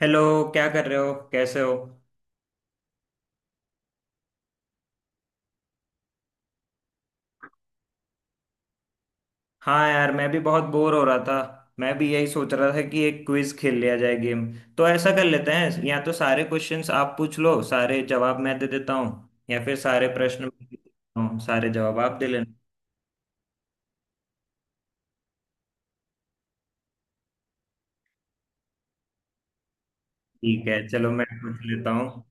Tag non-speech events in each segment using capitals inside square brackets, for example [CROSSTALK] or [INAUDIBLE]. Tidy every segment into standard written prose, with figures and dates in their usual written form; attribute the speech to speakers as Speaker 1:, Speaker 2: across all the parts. Speaker 1: Hello. क्या कर रहे हो, कैसे हो? हाँ यार, मैं भी बहुत बोर हो रहा था, मैं भी यही सोच रहा था कि एक क्विज खेल लिया जाए, गेम। तो ऐसा कर लेते हैं, या तो सारे क्वेश्चंस आप पूछ लो, सारे जवाब मैं दे देता हूँ, या फिर सारे प्रश्न मैं दे देता हूँ, सारे जवाब आप दे लेना। ठीक है, चलो मैं पूछ लेता हूँ।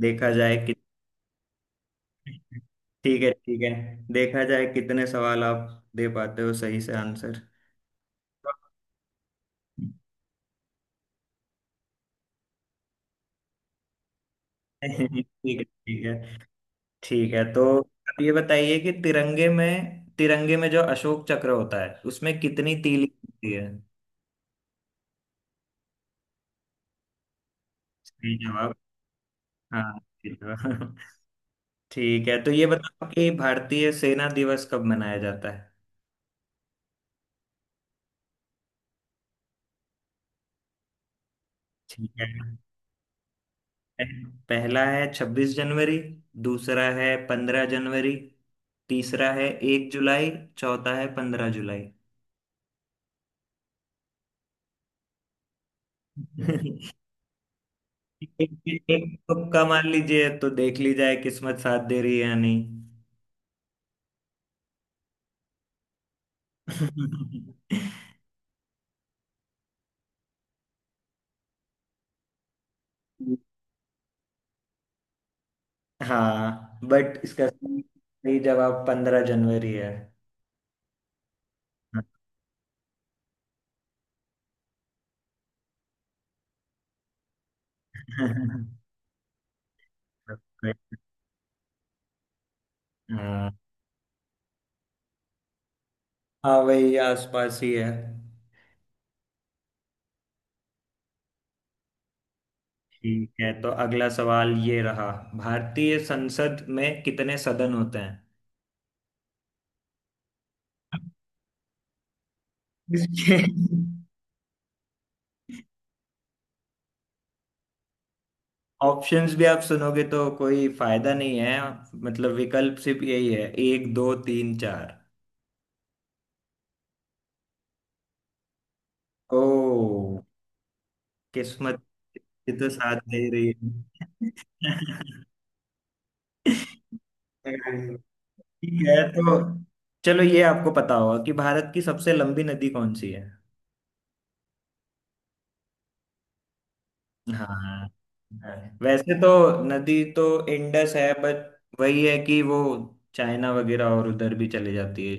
Speaker 1: देखा जाए कि [LAUGHS] ठीक है, ठीक है। देखा जाए कितने सवाल आप दे पाते हो सही से आंसर। [LAUGHS] ठीक है, ठीक है। ठीक है, तो आप ये बताइए कि तिरंगे में जो अशोक चक्र होता है उसमें कितनी तीली होती है। सही जवाब। हाँ, सही जवाब। [LAUGHS] ठीक है, तो ये बताओ कि भारतीय सेना दिवस कब मनाया जाता है। ठीक है। पहला है 26 जनवरी, दूसरा है 15 जनवरी, तीसरा है 1 जुलाई, चौथा है 15 जुलाई। [LAUGHS] एक एक तुक्का मार लीजिए, तो देख ली जाए किस्मत साथ दे रही है या नहीं। [LAUGHS] हाँ, बट इसका सही सही जवाब 15 जनवरी है। [LAUGHS] हाँ, हाँ वही आसपास ही है। ठीक है, तो अगला सवाल ये रहा। भारतीय संसद में कितने सदन होते हैं? [LAUGHS] इसके ऑप्शंस भी आप सुनोगे तो कोई फायदा नहीं है। मतलब विकल्प सिर्फ यही है, एक दो तीन चार। ओ किस्मत, ये तो साथ दे रही है। [LAUGHS] ठीक है, तो चलो ये आपको पता होगा कि भारत की सबसे लंबी नदी कौन सी है। हाँ, हाँ। वैसे तो नदी तो इंडस है, बट वही है कि वो चाइना वगैरह और उधर भी चली जाती है।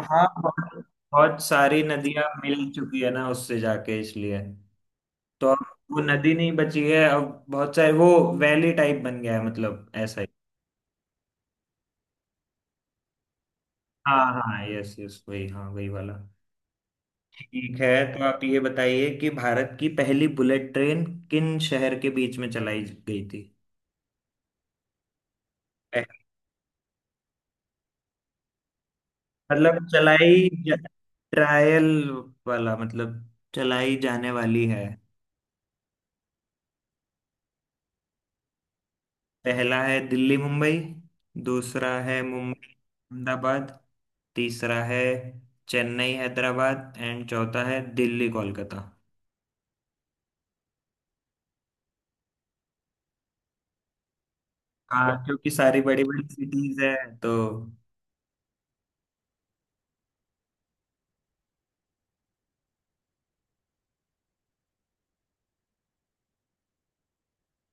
Speaker 1: हाँ, बहुत बहुत सारी नदियां मिल चुकी है ना उससे जाके, इसलिए तो अब वो नदी नहीं बची है। अब बहुत सारे वो वैली टाइप बन गया है, मतलब ऐसा ही। हाँ हाँ, यस यस, वही, हाँ वही वाला। ठीक है, तो आप ये बताइए कि भारत की पहली बुलेट ट्रेन किन शहर के बीच में चलाई गई थी। पह- मतलब ट्रायल वाला, मतलब चलाई जाने वाली है। पहला है दिल्ली मुंबई, दूसरा है मुंबई अहमदाबाद, तीसरा है चेन्नई हैदराबाद एंड चौथा है दिल्ली कोलकाता। हाँ, क्योंकि सारी बड़ी बड़ी सिटीज है तो।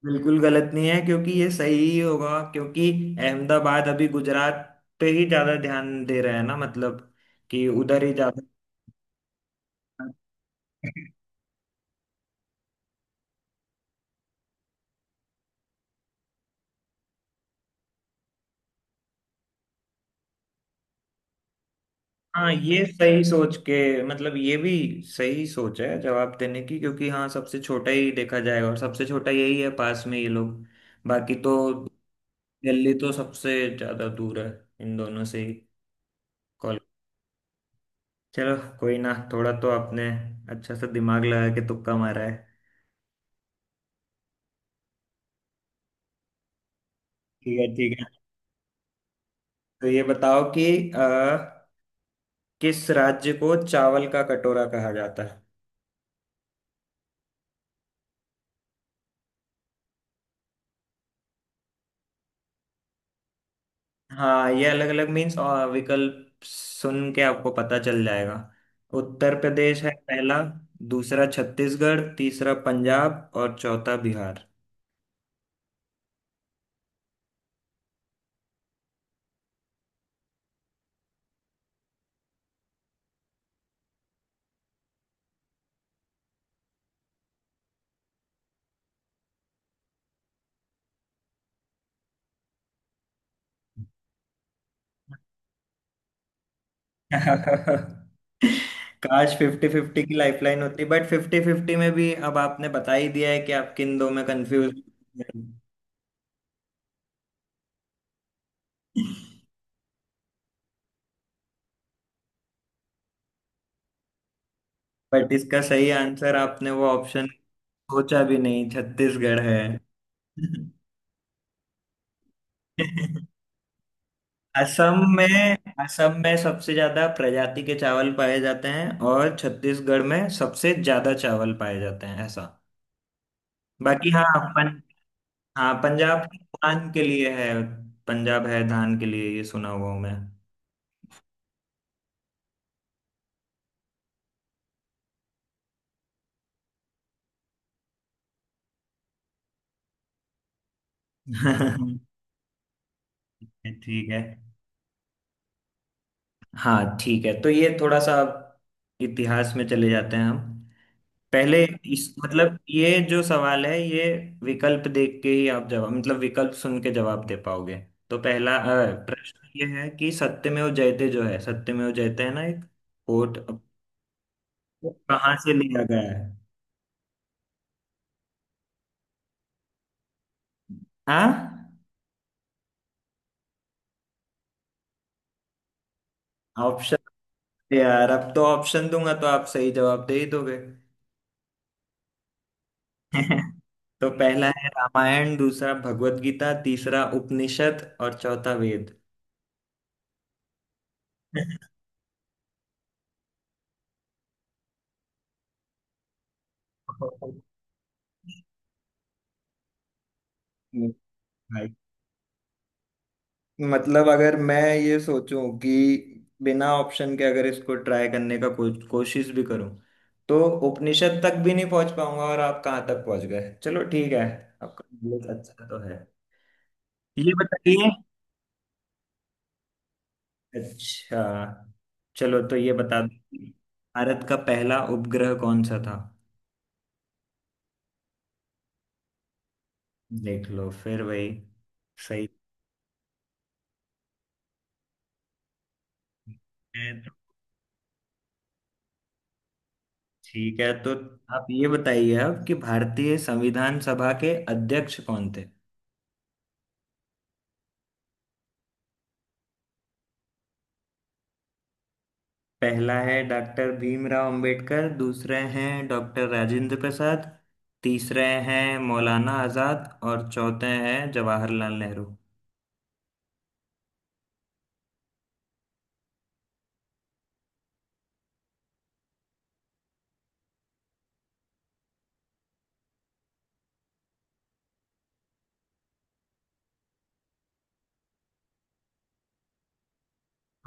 Speaker 1: बिल्कुल गलत नहीं है, क्योंकि ये सही ही होगा, क्योंकि अहमदाबाद अभी गुजरात पे ही ज्यादा ध्यान दे रहा है ना, मतलब कि उधर ही ज्यादा। [LAUGHS] हाँ, ये सही सोच के, मतलब ये भी सही सोच है जवाब देने की, क्योंकि हाँ, सबसे छोटा ही देखा जाएगा और सबसे छोटा यही है, पास में ये लोग। बाकी तो दिल्ली तो सबसे ज्यादा दूर है इन दोनों से ही। कॉल, चलो कोई ना, थोड़ा तो आपने अच्छा सा दिमाग लगा के तुक्का मारा है। ठीक है, ठीक है। तो ये बताओ कि अ, किस राज्य को चावल का कटोरा कहा जाता है? हाँ, ये अलग अलग मीन्स, और विकल्प सुन के आपको पता चल जाएगा। उत्तर प्रदेश है पहला, दूसरा छत्तीसगढ़, तीसरा पंजाब और चौथा बिहार। [LAUGHS] काश फिफ्टी फिफ्टी की लाइफलाइन होती, बट फिफ्टी फिफ्टी में भी अब आपने बता ही दिया है कि आप किन दो में कंफ्यूज। बट [LAUGHS] इसका सही आंसर आपने वो ऑप्शन सोचा भी नहीं, छत्तीसगढ़ है। [LAUGHS] [LAUGHS] असम में, असम में सबसे ज्यादा प्रजाति के चावल पाए जाते हैं और छत्तीसगढ़ में सबसे ज्यादा चावल पाए जाते हैं, ऐसा। बाकी हाँ, पन, हाँ पंजाब की धान के लिए है। पंजाब है धान के लिए, ये सुना हुआ हूँ मैं। [LAUGHS] ठीक है। हाँ ठीक है, तो ये थोड़ा सा इतिहास में चले जाते हैं हम। पहले इस, मतलब ये जो सवाल है, ये विकल्प देख के ही आप जवाब, मतलब विकल्प सुन के जवाब दे पाओगे। तो पहला प्रश्न ये है कि सत्यमेव जयते जो है, सत्यमेव जयते है ना, एक कोट, अब वो कहाँ से लिया गया है। हाँ, ऑप्शन। यार अब तो ऑप्शन दूंगा तो आप सही जवाब दे ही दोगे। [LAUGHS] तो पहला है रामायण, दूसरा भगवत गीता, तीसरा उपनिषद और चौथा वेद। [LAUGHS] भाई, मतलब अगर मैं ये सोचूं कि बिना ऑप्शन के अगर इसको ट्राई करने का कोशिश भी करूं, तो उपनिषद तक भी नहीं पहुंच पाऊंगा, और आप कहाँ तक पहुंच गए। चलो ठीक है, आपका नॉलेज अच्छा तो है। ये बताइए, अच्छा चलो, तो ये बता दो कि भारत का पहला उपग्रह कौन सा था। देख लो, फिर वही सही है तो। ठीक है, तो आप ये बताइए अब कि भारतीय संविधान सभा के अध्यक्ष कौन थे। पहला है डॉक्टर भीमराव अंबेडकर, दूसरे हैं डॉक्टर राजेंद्र प्रसाद, तीसरे हैं मौलाना आजाद और चौथे हैं जवाहरलाल नेहरू।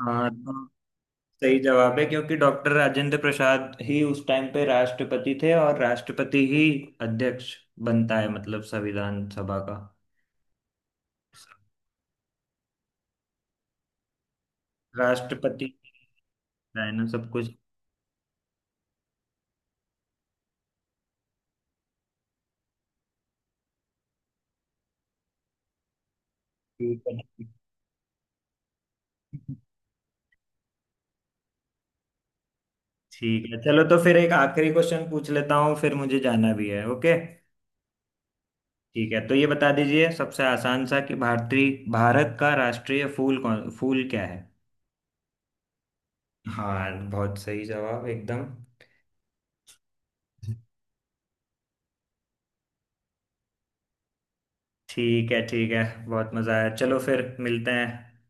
Speaker 1: हाँ, तो सही जवाब है, क्योंकि डॉक्टर राजेंद्र प्रसाद ही उस टाइम पे राष्ट्रपति थे, और राष्ट्रपति ही अध्यक्ष बनता है, मतलब संविधान सभा का। राष्ट्रपति है ना सब कुछ। ठीक है, ठीक है, चलो, तो फिर एक आखिरी क्वेश्चन पूछ लेता हूँ, फिर मुझे जाना भी है। ओके, ठीक है, तो ये बता दीजिए सबसे आसान सा कि भारत का राष्ट्रीय फूल क्या है? हाँ हाँ, बहुत सही जवाब एकदम। [LAUGHS] ठीक है, ठीक है, बहुत मजा आया, चलो फिर मिलते हैं।